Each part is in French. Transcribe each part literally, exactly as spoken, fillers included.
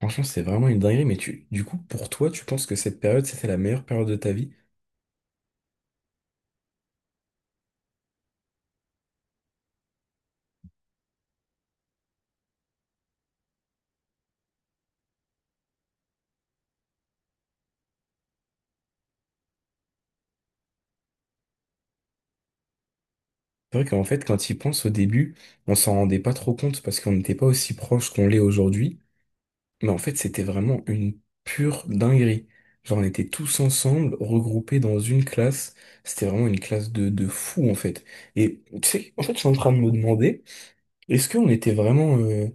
Franchement, c'est vraiment une dinguerie, mais tu, du coup, pour toi, tu penses que cette période, c'était la meilleure période de ta vie? C'est vrai qu'en fait, quand il pense au début, on s'en rendait pas trop compte parce qu'on n'était pas aussi proche qu'on l'est aujourd'hui. Mais en fait, c'était vraiment une pure dinguerie. Genre, on était tous ensemble, regroupés dans une classe. C'était vraiment une classe de, de fous, en fait. Et tu sais, en fait, je suis en train de me demander, est-ce qu'on était vraiment euh,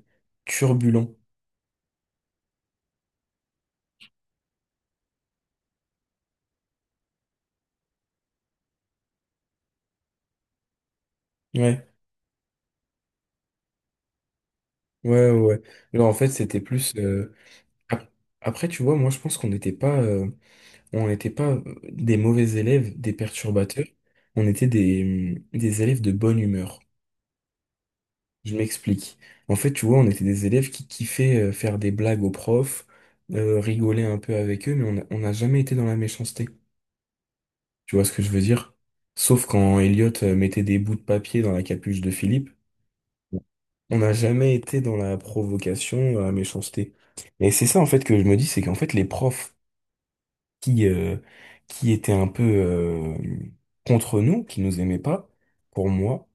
turbulents? Ouais, ouais, ouais, ouais. Genre, en fait, c'était plus euh, ap- après, tu vois, moi, je pense qu'on n'était pas euh, on n'était pas des mauvais élèves, des perturbateurs, on était des, des élèves de bonne humeur. Je m'explique. En fait, tu vois, on était des élèves qui kiffaient euh, faire des blagues aux profs, euh, rigoler un peu avec eux, mais on n'a on n'a jamais été dans la méchanceté. Tu vois ce que je veux dire? Sauf quand Elliot euh, mettait des bouts de papier dans la capuche de Philippe, on n'a jamais été dans la provocation, dans la méchanceté. Et c'est ça, en fait, que je me dis, c'est qu'en fait, les profs qui, euh, qui étaient un peu euh, contre nous, qui nous aimaient pas, pour moi,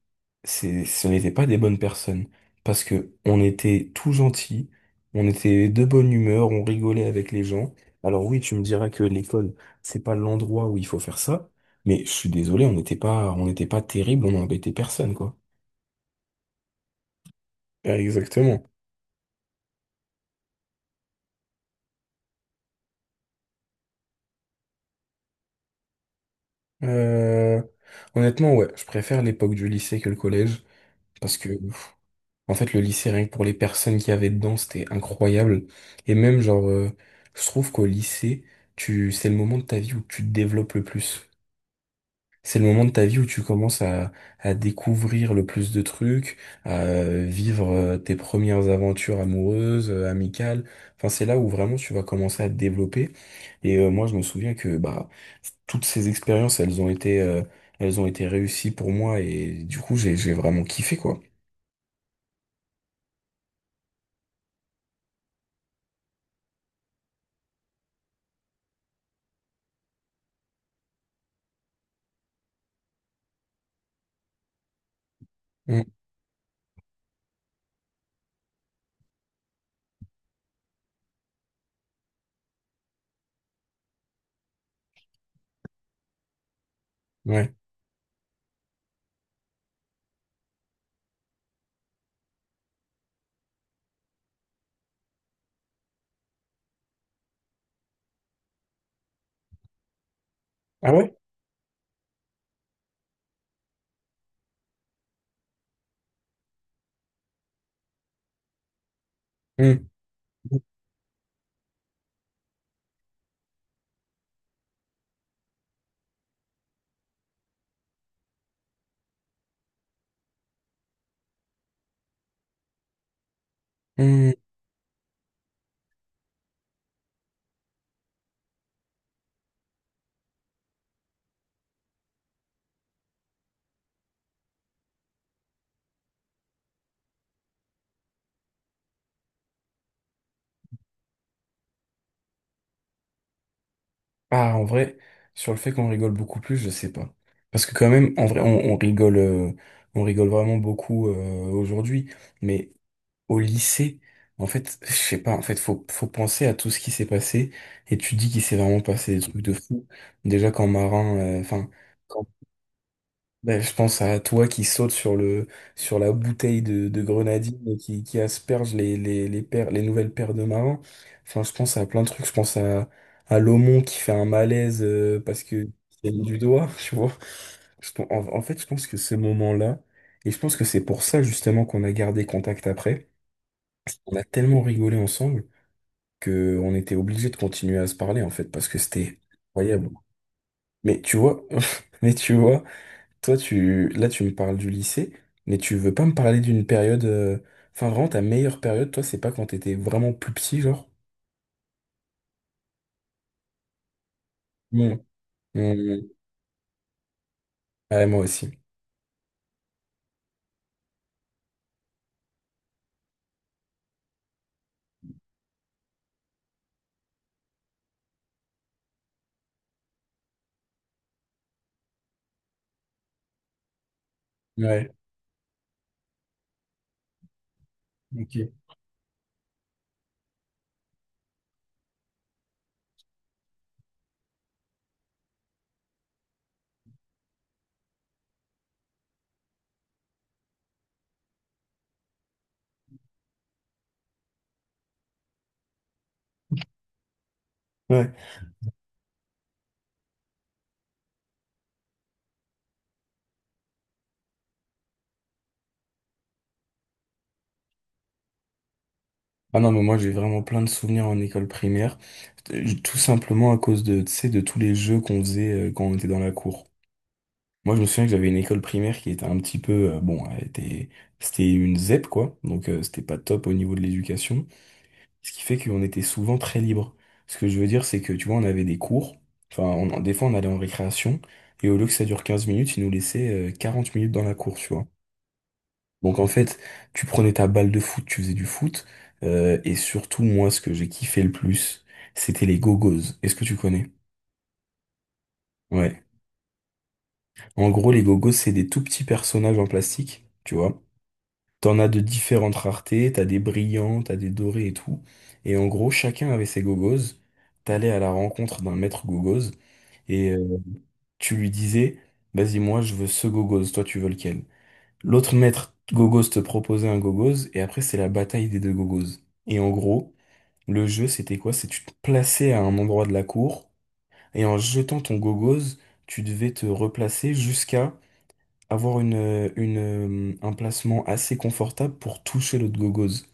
c'est, ce n'étaient pas des bonnes personnes. Parce que on était tout gentils, on était de bonne humeur, on rigolait avec les gens. Alors oui, tu me diras que l'école, c'est pas l'endroit où il faut faire ça, mais je suis désolé, on n'était pas, on n'était pas terrible, on n'embêtait personne, quoi. Ah, exactement. Euh, honnêtement, ouais, je préfère l'époque du lycée que le collège, parce que pff, en fait, le lycée, rien que pour les personnes qu'il y avait dedans, c'était incroyable. Et même, genre, euh, je trouve qu'au lycée, tu, c'est le moment de ta vie où tu te développes le plus. C'est le moment de ta vie où tu commences à, à découvrir le plus de trucs, à euh, vivre euh, tes premières aventures amoureuses, euh, amicales. Enfin, c'est là où vraiment tu vas commencer à te développer. Et euh, moi, je me souviens que bah toutes ces expériences, elles ont été, euh, elles ont été réussies pour moi et du coup, j'ai, j'ai vraiment kiffé quoi. Mm. Ouais. Ah ouais? Mmh. Hmm. Ah, en vrai, sur le fait qu'on rigole beaucoup plus, je sais pas. Parce que quand même, en vrai, on, on rigole, euh, on rigole vraiment beaucoup euh, aujourd'hui. Mais au lycée, en fait, je sais pas. En fait, faut, faut penser à tout ce qui s'est passé. Et tu dis qu'il s'est vraiment passé des trucs de fou. Déjà quand Marin, enfin, ben, je pense à toi qui saute sur le sur la bouteille de, de grenadine et qui, qui asperge les, les, les paires- les nouvelles paires de marins. Enfin, je pense à plein de trucs. Je pense à, à Lomon qui fait un malaise euh, parce que il a du doigt, tu vois. Je pen- en, en fait, je pense que ce moment-là, et je pense que c'est pour ça justement qu'on a gardé contact après. On a tellement rigolé ensemble que on était obligé de continuer à se parler en fait parce que c'était incroyable. Mais tu vois, mais tu vois. Toi, tu, là, tu me parles du lycée, mais tu veux pas me parler d'une période. euh, Enfin, vraiment, ta meilleure période, toi, c'est pas quand t'étais vraiment plus petit, genre? Mmh. Mmh. Mmh. Ouais, moi aussi. Ouais. Ok. Ouais. Ah non, mais moi, j'ai vraiment plein de souvenirs en école primaire. Euh, Tout simplement à cause de, tu sais, de tous les jeux qu'on faisait euh, quand on était dans la cour. Moi, je me souviens que j'avais une école primaire qui était un petit peu. Euh, bon, elle était, c'était une ZEP, quoi. Donc, euh, c'était pas top au niveau de l'éducation. Ce qui fait qu'on était souvent très libre. Ce que je veux dire, c'est que, tu vois, on avait des cours, enfin, on- des fois, on allait en récréation, et au lieu que ça dure quinze minutes, ils nous laissaient euh, quarante minutes dans la cour, tu vois. Donc, en fait, tu prenais ta balle de foot, tu faisais du foot, euh, et surtout, moi, ce que j'ai kiffé le plus, c'était les gogos. Est-ce que tu connais? Ouais. En gros, les gogos, c'est des tout petits personnages en plastique, tu vois. T'en as de différentes raretés, t'as des brillants, t'as des dorés et tout. Et en gros, chacun avait ses gogos. T'allais à la rencontre d'un maître gogos et euh, tu lui disais, vas-y, moi je veux ce gogos, toi tu veux lequel? L'autre maître gogos te proposait un gogos et après c'est la bataille des deux gogos. Et en gros, le jeu c'était quoi? C'est tu te plaçais à un endroit de la cour et en jetant ton gogos, tu devais te replacer jusqu'à avoir une, une, euh, un placement assez confortable pour toucher l'autre gogos.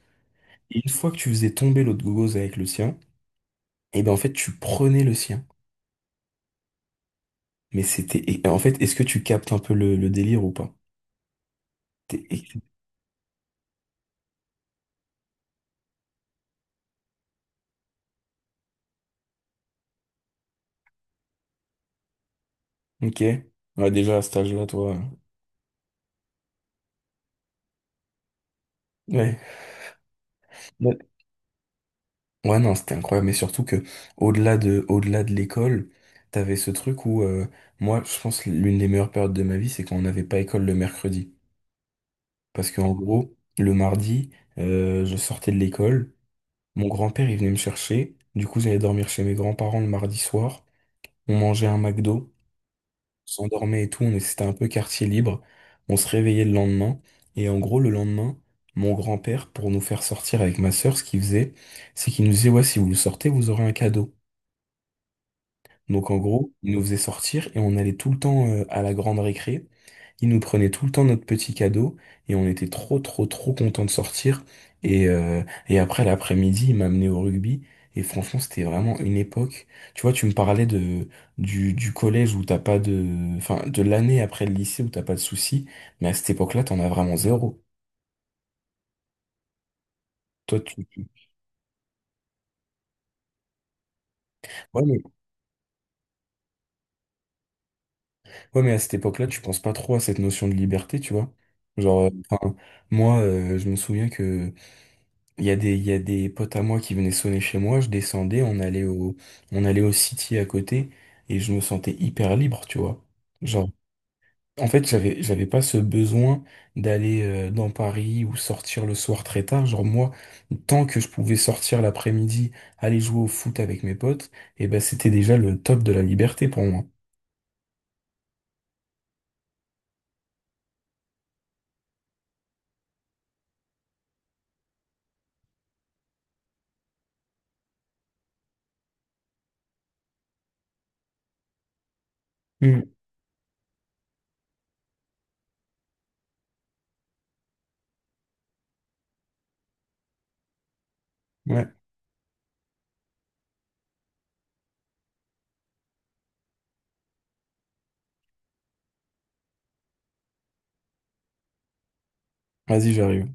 Et une fois que tu faisais tomber l'autre gogos avec le sien, et ben en fait tu prenais le sien. Mais c'était. Et en fait, est-ce que tu captes un peu le, le délire ou pas? T'es- ok. Ouais, déjà à cet âge-là, toi. euh, Ouais. Ouais, ouais, non, c'était incroyable. Mais surtout que au-delà de, au-delà de l'école, t'avais ce truc où euh, moi, je pense que l'une des meilleures périodes de ma vie, c'est quand on n'avait pas école le mercredi. Parce qu'en gros, le mardi, euh, je sortais de l'école, mon grand-père il venait me chercher, du coup j'allais dormir chez mes grands-parents le mardi soir, on mangeait un McDo. S'endormait et tout, on est- c'était un peu quartier libre. On se réveillait le lendemain. Et en gros, le lendemain, mon grand-père, pour nous faire sortir avec ma sœur, ce qu'il faisait, c'est qu'il nous disait, ouais, si vous sortez, vous aurez un cadeau. Donc en gros, il nous faisait sortir et on allait tout le temps euh, à la grande récré. Il nous prenait tout le temps notre petit cadeau et on était trop trop trop contents de sortir. Et, euh, et après l'après-midi, il m'a amené au rugby. Et franchement, c'était vraiment une époque. Tu vois, tu me parlais de du, du collège où t'as pas de, enfin, de l'année après le lycée où t'as pas de soucis. Mais à cette époque-là, t'en as vraiment zéro. Toi, tu, tu- ouais, mais, ouais, mais à cette époque-là, tu penses pas trop à cette notion de liberté, tu vois. Genre, euh, enfin, moi, euh, je me souviens que il y a des, il y a des potes à moi qui venaient sonner chez moi, je descendais, on allait au, on allait au City à côté, et je me sentais hyper libre, tu vois. Genre, en fait, j'avais, j'avais pas ce besoin d'aller euh, dans Paris ou sortir le soir très tard. Genre, moi, tant que je pouvais sortir l'après-midi, aller jouer au foot avec mes potes, et ben, c'était déjà le top de la liberté pour moi. Hmm, ouais. Vas-y, j'arrive.